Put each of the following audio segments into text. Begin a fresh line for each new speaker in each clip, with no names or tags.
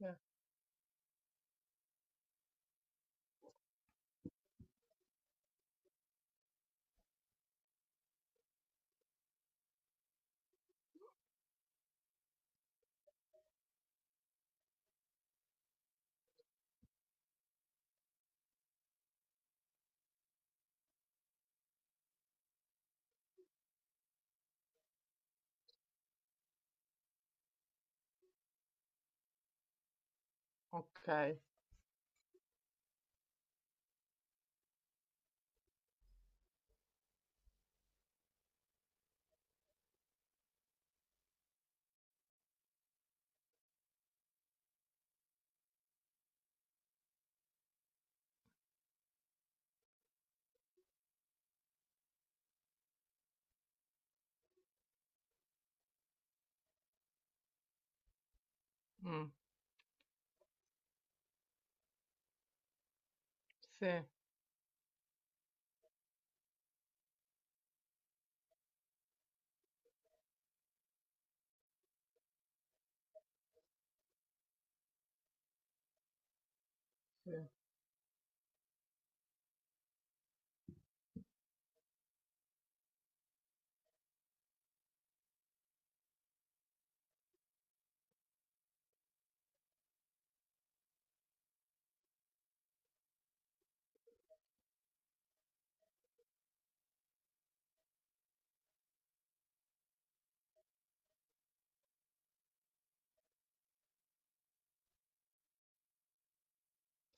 Eh, okay. Mh. Sì, sì,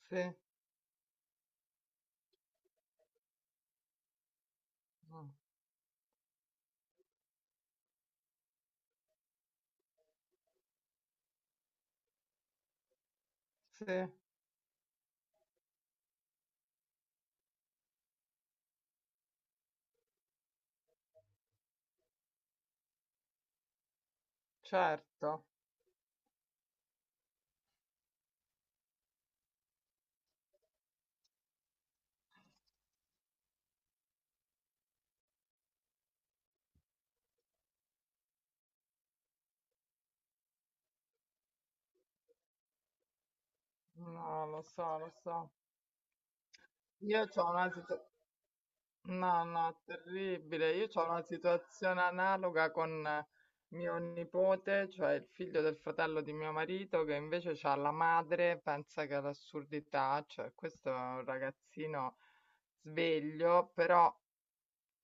sì, mh, sì, certo. No, lo so, lo so. Io c'ho una situa No, no, terribile. Io c'ho una situazione analoga con mio nipote, cioè il figlio del fratello di mio marito, che invece c'ha la madre, pensa che è l'assurdità, cioè questo è un ragazzino sveglio, però.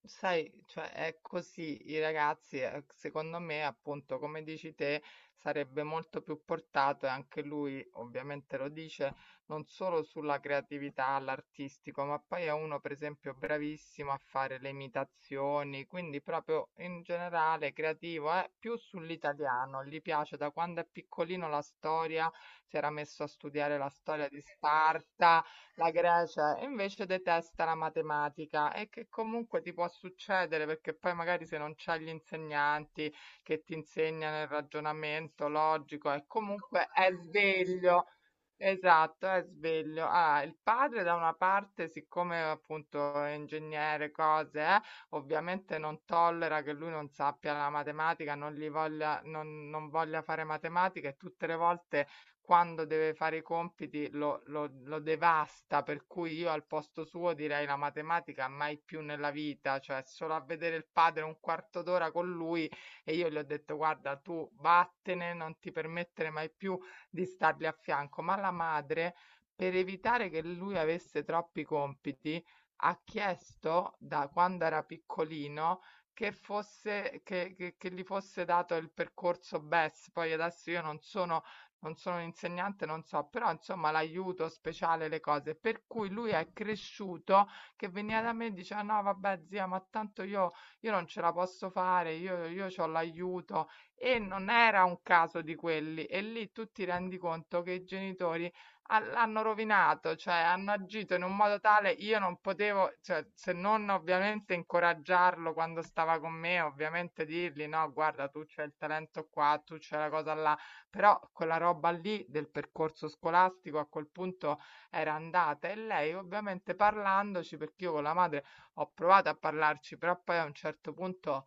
Sai, cioè è così, i ragazzi, secondo me, appunto, come dici te, sarebbe molto più portato e anche lui ovviamente lo dice, non solo sulla creatività, all'artistico, ma poi è uno, per esempio, bravissimo a fare le imitazioni, quindi proprio in generale creativo, è più sull'italiano, gli piace da quando è piccolino la storia, si era messo a studiare la storia di Sparta, la Grecia, e invece detesta la matematica, e che comunque ti può succedere, perché poi magari se non c'hai gli insegnanti che ti insegnano il ragionamento logico, e comunque è sveglio. Esatto, è sveglio. Ah, il padre da una parte, siccome appunto è ingegnere, cose, ovviamente non tollera che lui non sappia la matematica, non gli voglia, non voglia fare matematica, e tutte le volte quando deve fare i compiti lo devasta, per cui io al posto suo direi la matematica mai più nella vita, cioè solo a vedere il padre un quarto d'ora con lui, e io gli ho detto: guarda, tu vattene, non ti permettere mai più di stargli a fianco. Ma la madre, per evitare che lui avesse troppi compiti, ha chiesto da quando era piccolino che fosse, che gli fosse dato il percorso BES. Poi adesso io non sono, non sono un insegnante, non so, però insomma, l'aiuto speciale, le cose. Per cui lui è cresciuto che veniva da me e diceva: no, vabbè, zia, ma tanto io non ce la posso fare, io ho l'aiuto. E non era un caso di quelli, e lì tu ti rendi conto che i genitori l'hanno rovinato, cioè hanno agito in un modo tale io non potevo, cioè, se non ovviamente incoraggiarlo quando stava con me, ovviamente dirgli: no, guarda, tu c'hai il talento qua, tu c'hai la cosa là, però quella roba lì del percorso scolastico a quel punto era andata. E lei ovviamente, parlandoci, perché io con la madre ho provato a parlarci, però poi a un certo punto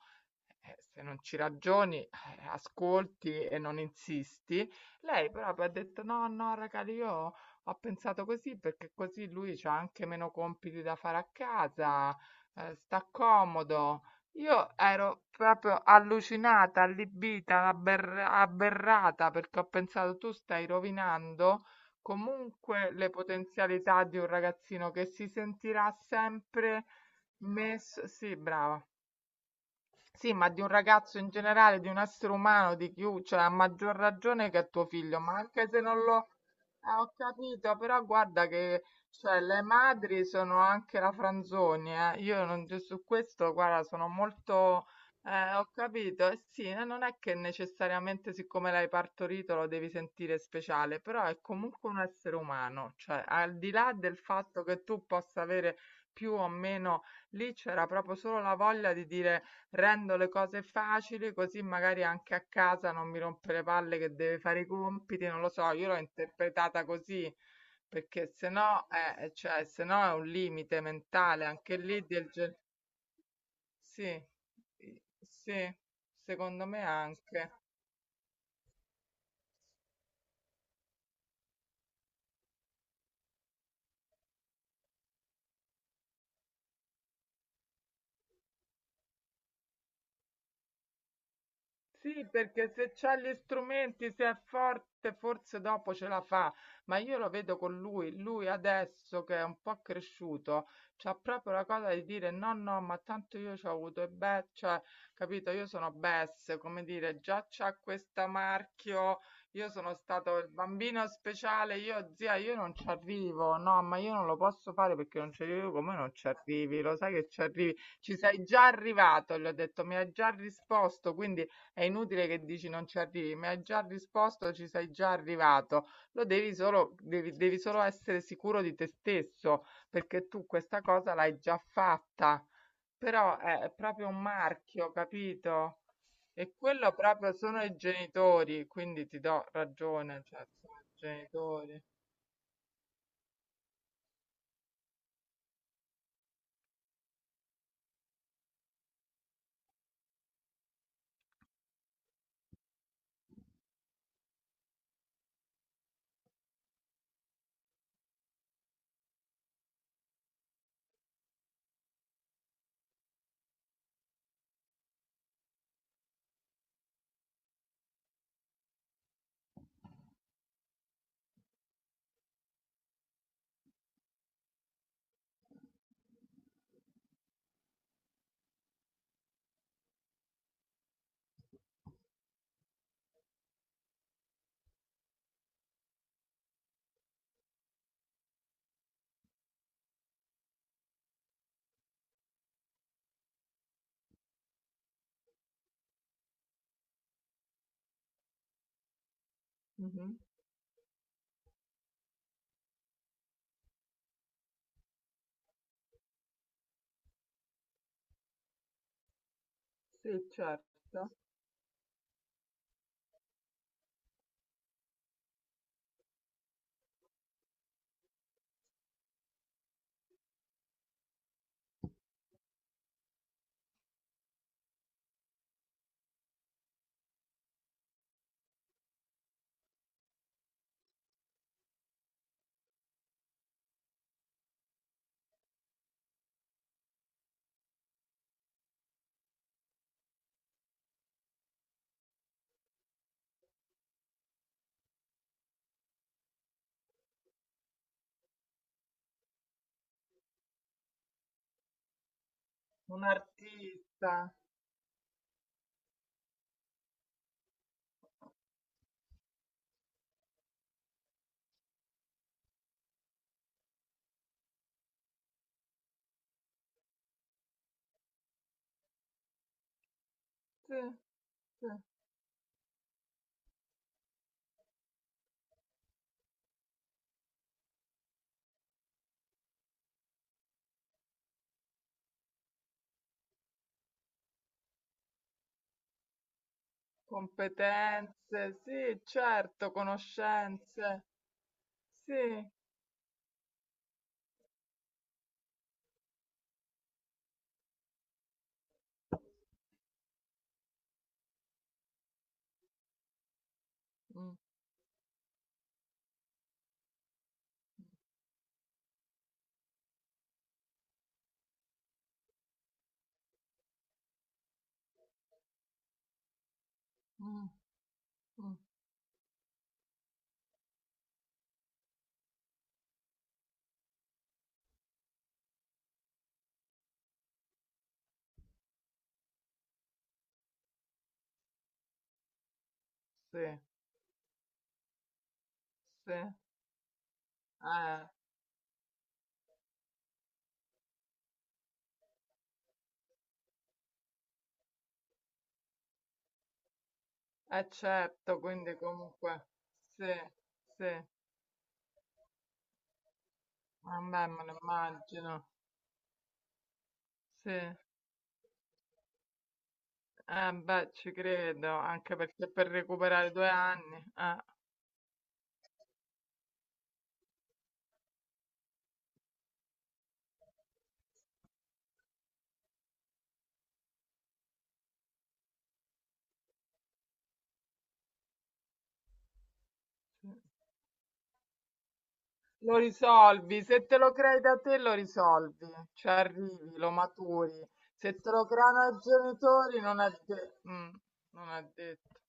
se non ci ragioni, ascolti e non insisti. Lei proprio ha detto: no, no, raga, io ho pensato così perché così lui c'ha anche meno compiti da fare a casa, sta comodo. Io ero proprio allucinata, allibita, aberrata, perché ho pensato: tu stai rovinando comunque le potenzialità di un ragazzino che si sentirà sempre messo. Sì, brava. Sì, ma di un ragazzo in generale, di un essere umano, di chiu, cioè a maggior ragione che è tuo figlio, ma anche se non lo... ho capito, però guarda che cioè, le madri sono anche la franzonia, eh. Io non, cioè, su questo, guarda, sono molto... Eh, ho capito, eh sì, non è che necessariamente siccome l'hai partorito lo devi sentire speciale, però è comunque un essere umano, cioè al di là del fatto che tu possa avere più o meno, lì c'era proprio solo la voglia di dire: rendo le cose facili, così magari anche a casa non mi rompe le palle che deve fare i compiti, non lo so, io l'ho interpretata così, perché se no, cioè, se no è un limite mentale anche lì del genere. Sì, sì, secondo me anche. Sì, perché se c'ha gli strumenti, se è forte, forse dopo ce la fa, ma io lo vedo con lui. Lui adesso che è un po' cresciuto, c'ha proprio la cosa di dire: no, no, ma tanto io ci ho avuto, e beh, cioè, capito, io sono Bess, come dire, già c'ha questo marchio, io sono stato il bambino speciale, io zia, io non ci arrivo. No, ma io non lo posso fare perché non ci arrivo. Come non ci arrivi? Lo sai che ci arrivi, ci sei già arrivato, gli ho detto, mi hai già risposto, quindi è inutile che dici non ci arrivi, mi hai già risposto, ci sei già arrivato. Lo devi solo, devi, devi solo essere sicuro di te stesso, perché tu questa cosa l'hai già fatta. Però è proprio un marchio, capito? E quello proprio sono i genitori, quindi ti do ragione, cioè sono i genitori. Mhm. Sì, certo. Un artista. Sì, sì. Competenze, sì, certo, conoscenze, sì, mm, mm, mm, sì, sì, eh, certo, quindi comunque, sì, sì, a me me lo immagino, sì, beh, ci credo, anche perché per recuperare 2 anni, eh. Lo risolvi, se te lo crei da te lo risolvi, ci arrivi, lo maturi. Se te lo creano i genitori non è detto.